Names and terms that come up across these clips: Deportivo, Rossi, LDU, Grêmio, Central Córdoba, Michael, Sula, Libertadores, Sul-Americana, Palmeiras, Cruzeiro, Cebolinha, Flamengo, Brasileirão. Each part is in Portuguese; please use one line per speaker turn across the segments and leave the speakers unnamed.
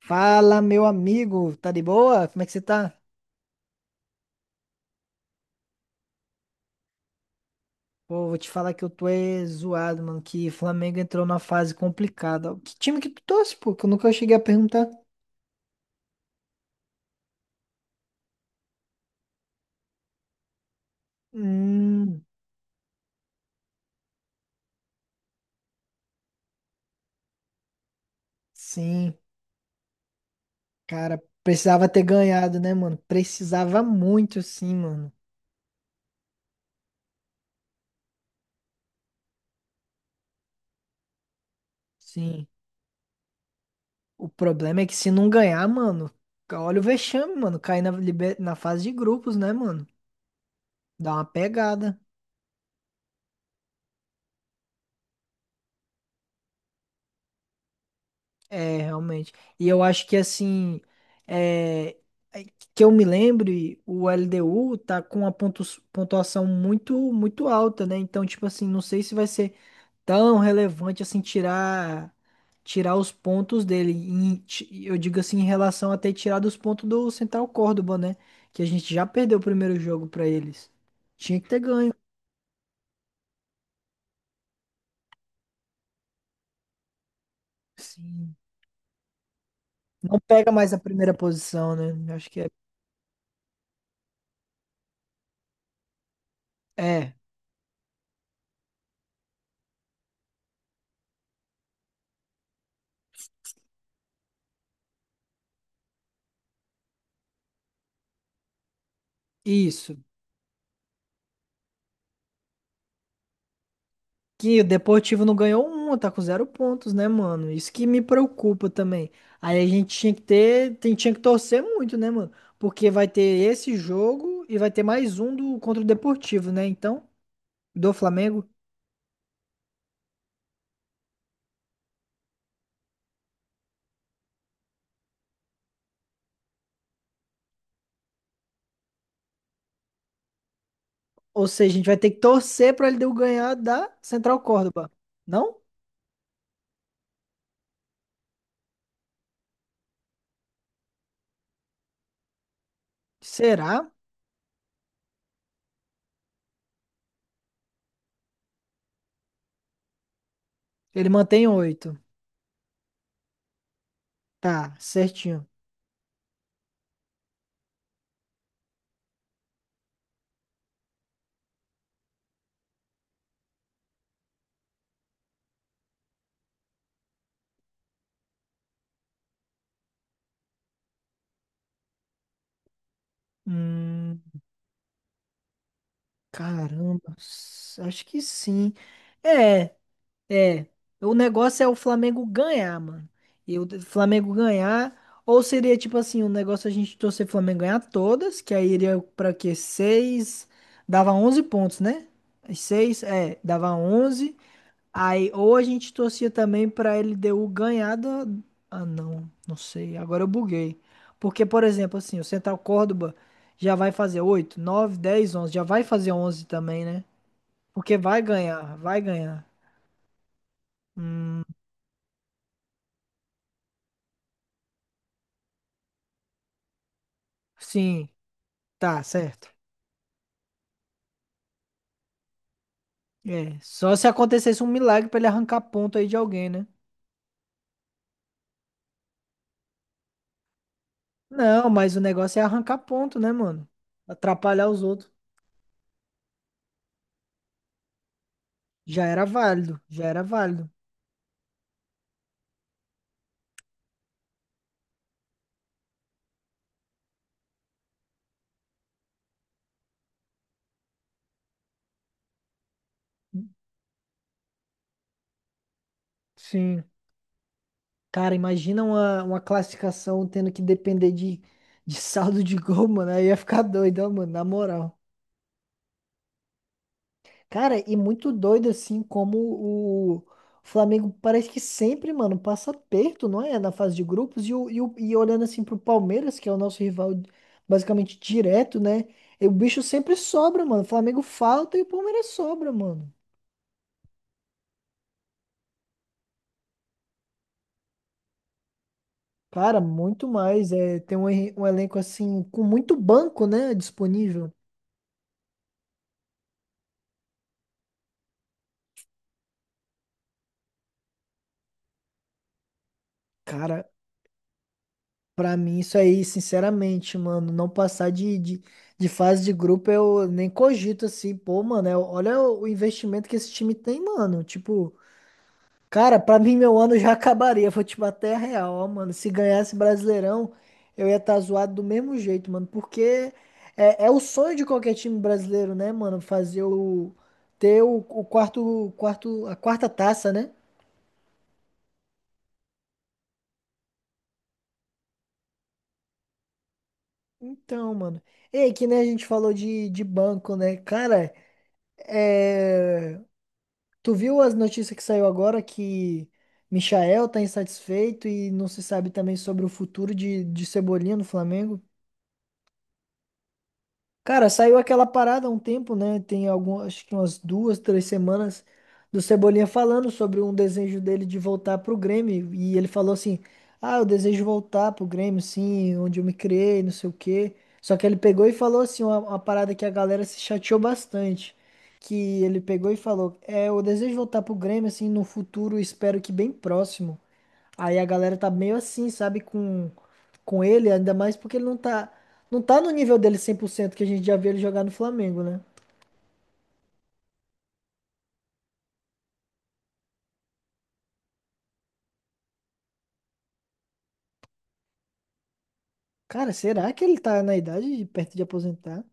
Fala, meu amigo, tá de boa? Como é que você tá? Pô, vou te falar que eu tô é zoado, mano, que o Flamengo entrou numa fase complicada. Que time que tu torce, pô? Que eu nunca cheguei a perguntar. Hum, sim, cara, precisava ter ganhado, né, mano? Precisava muito, sim, mano. Sim. O problema é que se não ganhar, mano, olha o vexame, mano, cair na, na fase de grupos, né, mano? Dá uma pegada. É, realmente. E eu acho que assim, é, é, que eu me lembre, o LDU tá com uma pontuação muito muito alta, né? Então, tipo assim, não sei se vai ser tão relevante assim tirar tirar os pontos dele. Eu digo assim, em relação a ter tirado os pontos do Central Córdoba, né? Que a gente já perdeu o primeiro jogo pra eles. Tinha que ter ganho. Sim. Não pega mais a primeira posição, né? Eu acho que é. É, isso. Que o Deportivo não ganhou uma, tá com zero pontos, né, mano? Isso que me preocupa também. Aí a gente tinha que ter, tinha que torcer muito, né, mano? Porque vai ter esse jogo e vai ter mais um do contra o Deportivo, né? Então, do Flamengo. Ou seja, a gente vai ter que torcer pra ele deu ganhar da Central Córdoba. Não? Será? Ele mantém oito. Tá, certinho. Hum, caramba, acho que sim. É. É, o negócio é o Flamengo ganhar, mano. E o Flamengo ganhar, ou seria tipo assim, o negócio é a gente torcer o Flamengo ganhar todas, que aí iria pra quê? Seis, dava 11 pontos, né? Seis, é, dava onze. Aí, ou a gente torcia também pra LDU ganhar da... Ah, não, não sei, agora eu buguei. Porque, por exemplo, assim, o Central Córdoba já vai fazer 8, 9, 10, 11, já vai fazer 11 também, né? Porque vai ganhar, vai ganhar. Hum, sim. Tá, certo. É, só se acontecesse um milagre pra ele arrancar ponto aí de alguém, né? Não, mas o negócio é arrancar ponto, né, mano? Atrapalhar os outros. Já era válido, já era válido. Sim. Cara, imagina uma classificação tendo que depender de saldo de gol, mano. Aí ia ficar doido, ó, mano, na moral. Cara, e muito doido assim como o Flamengo parece que sempre, mano, passa perto, não é? Na fase de grupos e olhando assim pro Palmeiras, que é o nosso rival basicamente direto, né? E o bicho sempre sobra, mano. O Flamengo falta e o Palmeiras sobra, mano. Cara, muito mais. É, tem um, um elenco assim com muito banco, né? Disponível. Cara, pra mim, isso aí, sinceramente, mano, não passar de fase de grupo, eu nem cogito assim, pô, mano, olha o investimento que esse time tem, mano. Tipo, cara, pra mim, meu ano já acabaria, vou te bater a real, ó, mano. Se ganhasse Brasileirão, eu ia estar zoado do mesmo jeito, mano, porque é o sonho de qualquer time brasileiro, né, mano, fazer o, ter o, a quarta taça, né? Então, mano. E aí, que nem a gente falou de banco, né? Cara. É, tu viu as notícias que saiu agora que Michael tá insatisfeito e não se sabe também sobre o futuro de Cebolinha no Flamengo? Cara, saiu aquela parada há um tempo, né? Tem algumas, acho que umas duas, três semanas do Cebolinha falando sobre um desejo dele de voltar pro Grêmio. E ele falou assim: Ah, eu desejo voltar pro Grêmio, sim, onde eu me criei, não sei o quê. Só que ele pegou e falou assim: uma parada que a galera se chateou bastante. Que ele pegou e falou: É, eu desejo voltar pro Grêmio, assim, no futuro, espero que bem próximo. Aí a galera tá meio assim, sabe, com ele, ainda mais porque ele não tá, não tá no nível dele 100% que a gente já viu ele jogar no Flamengo, né? Cara, será que ele tá na idade de perto de aposentar?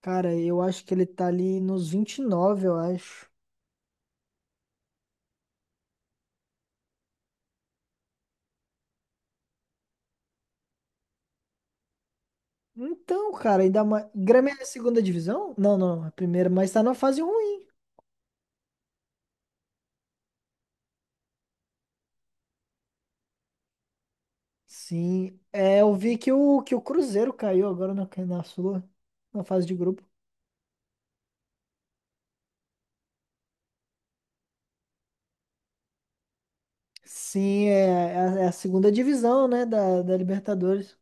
Cara, eu acho que ele tá ali nos 29, eu acho. Então, cara, ainda mais. Grêmio é a segunda divisão? Não, não, é a primeira, mas tá na fase ruim. Sim, é, eu vi que o Cruzeiro caiu agora na, na Sula, na fase de grupo. Sim, é, é a segunda divisão, né, da, da Libertadores.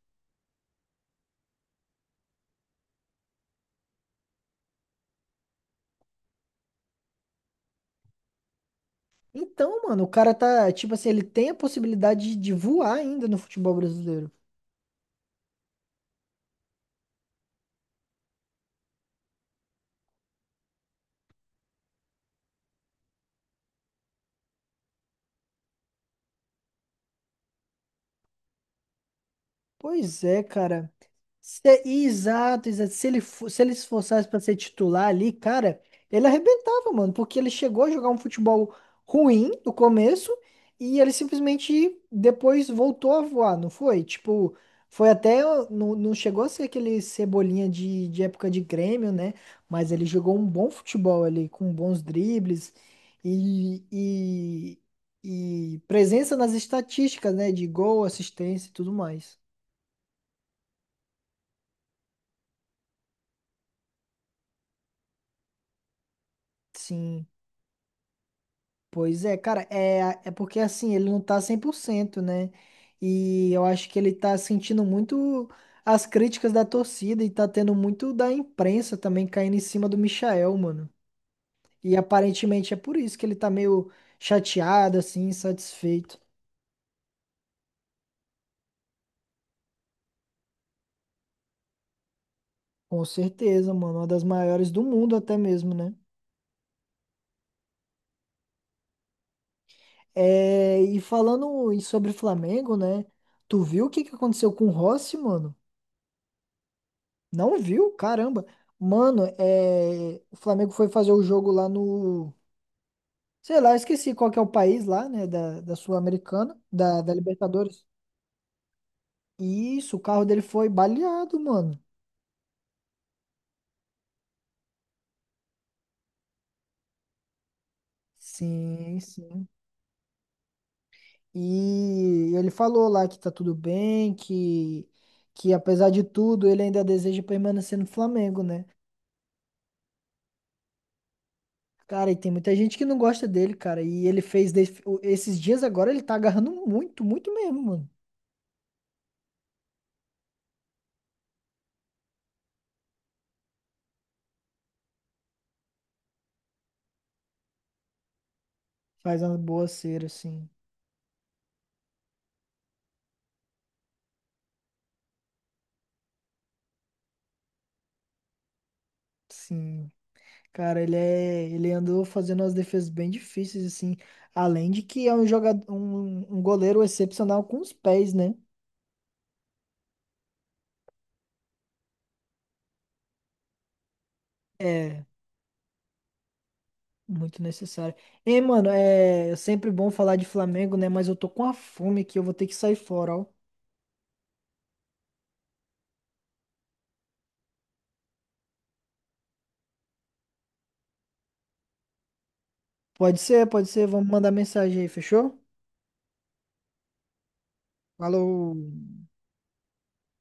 Então, mano, o cara tá, tipo assim, ele tem a possibilidade de voar ainda no futebol brasileiro. Pois é, cara. Exato, exato. Se ele, se ele se esforçasse pra ser titular ali, cara, ele arrebentava, mano, porque ele chegou a jogar um futebol ruim no começo e ele simplesmente depois voltou a voar, não foi? Tipo, foi até. Não, não chegou a ser aquele cebolinha de época de Grêmio, né? Mas ele jogou um bom futebol ali, com bons dribles e, e, e presença nas estatísticas, né? De gol, assistência e tudo mais. Sim, pois é, cara, é, é porque assim, ele não tá 100% né? E eu acho que ele tá sentindo muito as críticas da torcida e tá tendo muito da imprensa também caindo em cima do Michael, mano. E aparentemente é por isso que ele tá meio chateado, assim, insatisfeito. Com certeza, mano, uma das maiores do mundo até mesmo, né? É, e falando sobre Flamengo, né? Tu viu o que que aconteceu com o Rossi, mano? Não viu? Caramba. Mano, é... o Flamengo foi fazer o jogo lá no. Sei lá, esqueci qual que é o país lá, né? Da, da Sul-Americana, da, da Libertadores. Isso, o carro dele foi baleado, mano. Sim, sim. E ele falou lá que tá tudo bem, que apesar de tudo, ele ainda deseja permanecer no Flamengo, né? Cara, e tem muita gente que não gosta dele, cara. E ele fez esses dias agora, ele tá agarrando muito, muito mesmo, mano. Faz uma boa cera, assim. Sim, cara, ele é, ele andou fazendo umas defesas bem difíceis assim, além de que é um jogador, um goleiro excepcional com os pés, né? É, muito necessário. Ei, mano, é sempre bom falar de Flamengo, né? Mas eu tô com a fome aqui, eu vou ter que sair fora, ó. Pode ser, vamos mandar mensagem aí, fechou? Falou.